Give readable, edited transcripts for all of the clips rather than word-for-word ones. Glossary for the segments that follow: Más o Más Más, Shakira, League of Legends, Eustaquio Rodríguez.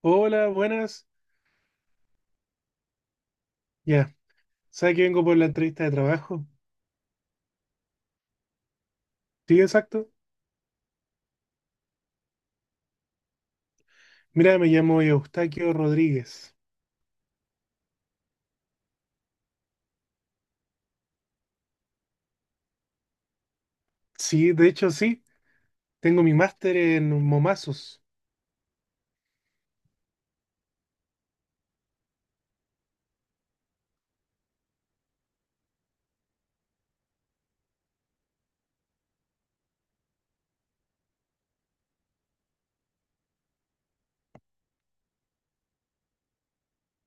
Hola, buenas. Ya, ¿sabes que vengo por la entrevista de trabajo? Sí, exacto. Mira, me llamo Eustaquio Rodríguez. Sí, de hecho, sí. Tengo mi máster en momazos.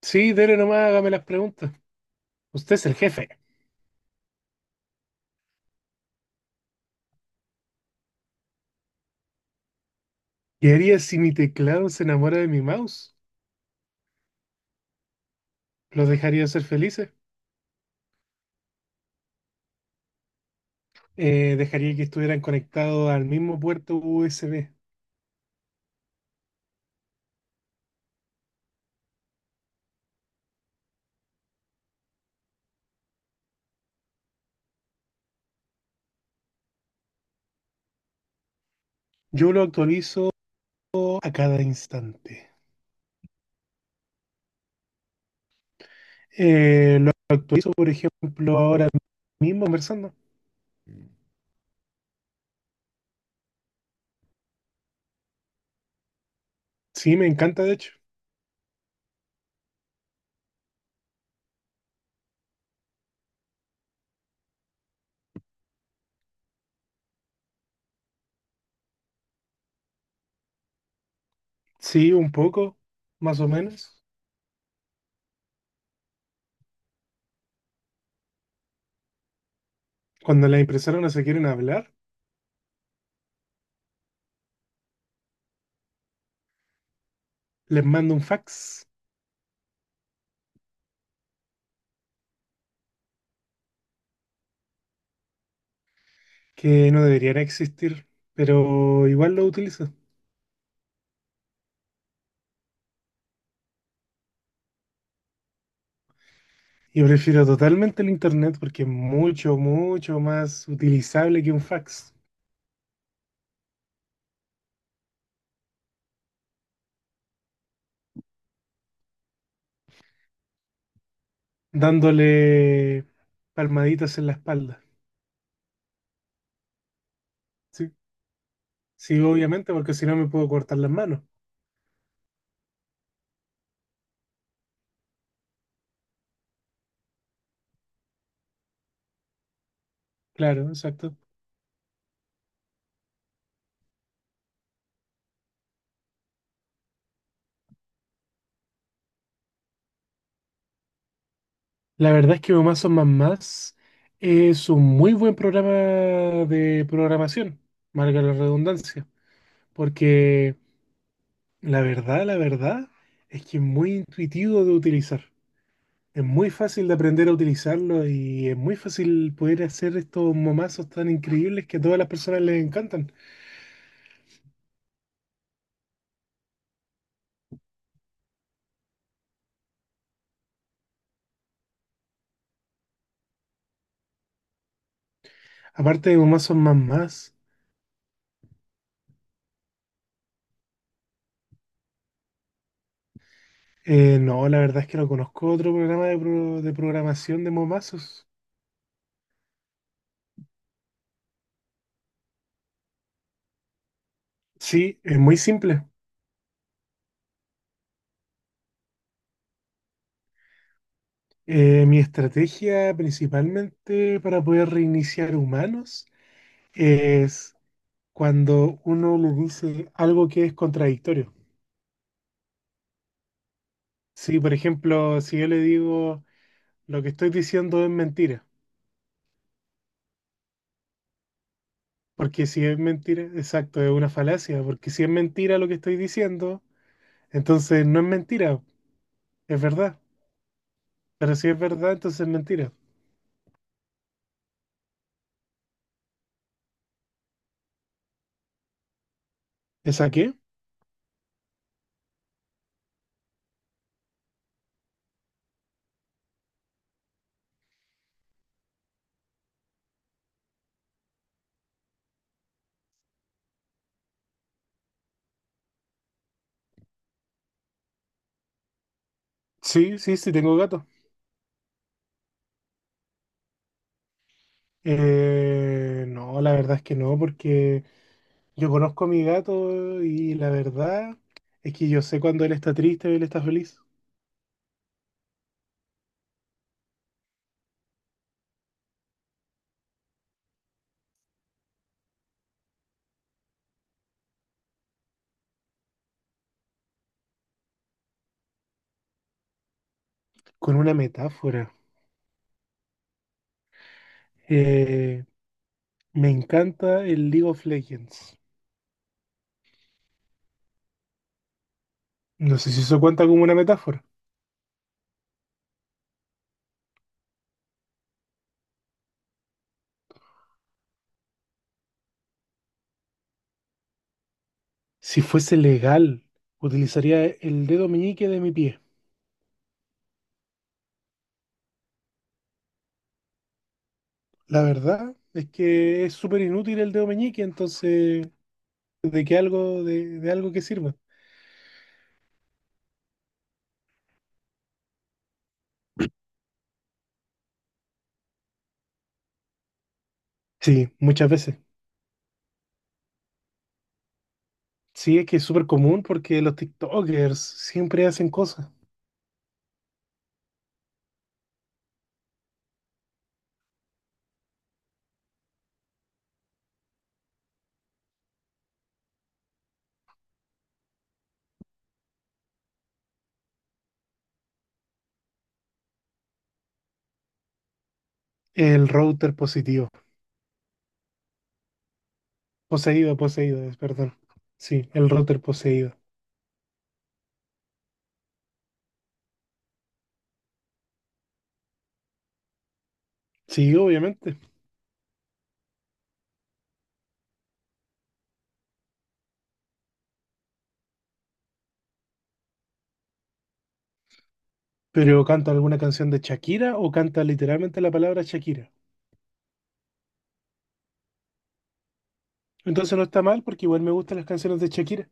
Sí, dele nomás, hágame las preguntas. Usted es el jefe. ¿Qué haría si mi teclado se enamora de mi mouse? ¿Los dejaría ser felices? ¿Dejaría que estuvieran conectados al mismo puerto USB? Yo lo actualizo a cada instante. Lo actualizo, por ejemplo, ahora mismo conversando. Sí, me encanta, de hecho. Sí, un poco, más o menos. Cuando las impresoras no se quieren hablar, les mando un fax que no debería existir, pero igual lo utilizo. Yo prefiero totalmente el internet porque es mucho, mucho más utilizable que un fax, dándole palmaditas en la espalda. Sí, sí, obviamente, porque si no me puedo cortar las manos. Claro, exacto. La verdad es que Más o Más Más es un muy buen programa de programación, marca la redundancia. Porque la verdad, es que es muy intuitivo de utilizar. Es muy fácil de aprender a utilizarlo y es muy fácil poder hacer estos momazos tan increíbles que a todas las personas les encantan. Aparte de momazos más más, no, la verdad es que no conozco otro programa de, de programación de momazos. Sí, es muy simple. Mi estrategia principalmente para poder reiniciar humanos es cuando uno le dice algo que es contradictorio. Sí, por ejemplo, si yo le digo lo que estoy diciendo es mentira, porque si es mentira, exacto, es una falacia, porque si es mentira lo que estoy diciendo, entonces no es mentira, es verdad, pero si es verdad, entonces es mentira. ¿Esa qué? Sí, sí, sí, tengo gato. No, la verdad es que no, porque yo conozco a mi gato y la verdad es que yo sé cuando él está triste o él está feliz, con una metáfora. Eh, Me encanta el League of Legends. No sé si eso cuenta como una metáfora. Si fuese legal, utilizaría el dedo meñique de mi pie. La verdad es que es súper inútil el dedo meñique, entonces, ¿de qué algo, de algo que sirva? Sí, muchas veces. Sí, es que es súper común porque los TikTokers siempre hacen cosas. El router positivo. Poseído, poseído, es, perdón. Sí, el router poseído. Sí, obviamente. ¿Pero canta alguna canción de Shakira o canta literalmente la palabra Shakira? Entonces no está mal porque igual me gustan las canciones de Shakira.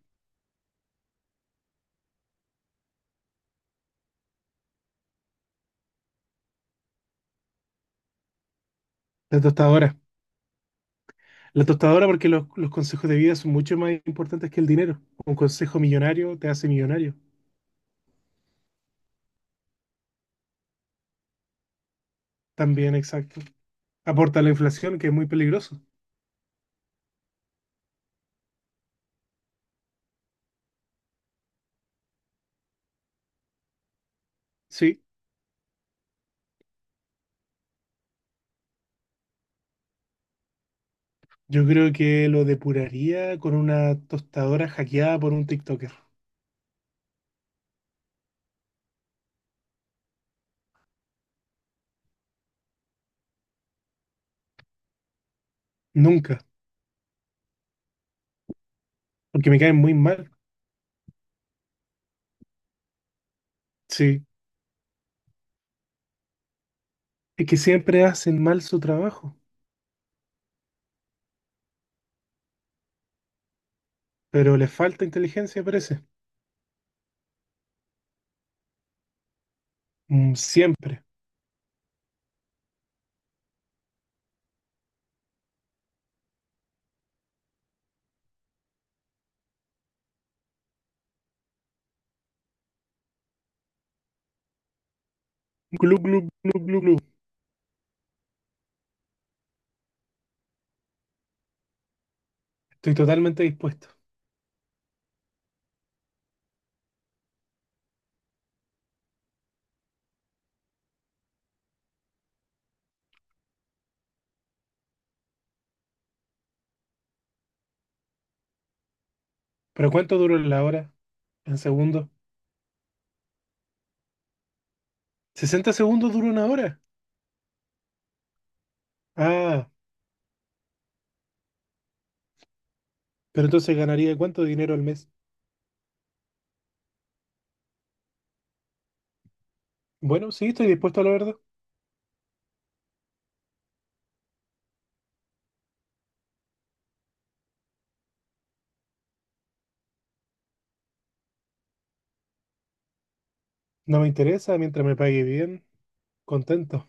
La tostadora. La tostadora porque los consejos de vida son mucho más importantes que el dinero. Un consejo millonario te hace millonario. También, exacto. Aporta a la inflación, que es muy peligroso. Sí, yo creo que lo depuraría con una tostadora hackeada por un TikToker. Nunca, porque me caen muy mal. Sí, es que siempre hacen mal su trabajo, pero les falta inteligencia, parece. Mm, siempre. Glu, glu, glu, glu, glu. Estoy totalmente dispuesto. ¿Pero cuánto duró la hora? ¿En segundos? ¿60 segundos dura una hora? Ah, pero entonces ganaría cuánto dinero al mes. Bueno, sí, estoy dispuesto a la verdad. No me interesa mientras me pague bien. Contento.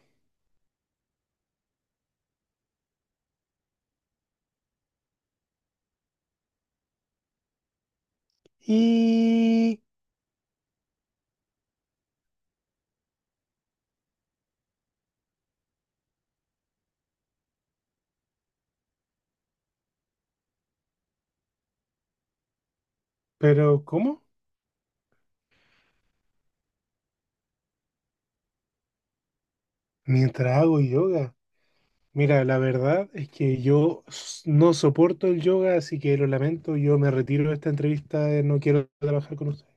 Y... ¿Pero cómo? Mientras hago yoga. Mira, la verdad es que no soporto el yoga, así que lo lamento. Yo me retiro de esta entrevista. No quiero trabajar con ustedes.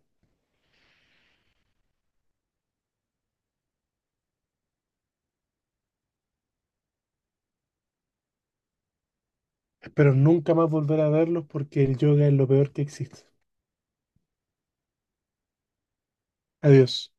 Espero nunca más volver a verlos porque el yoga es lo peor que existe. Adiós.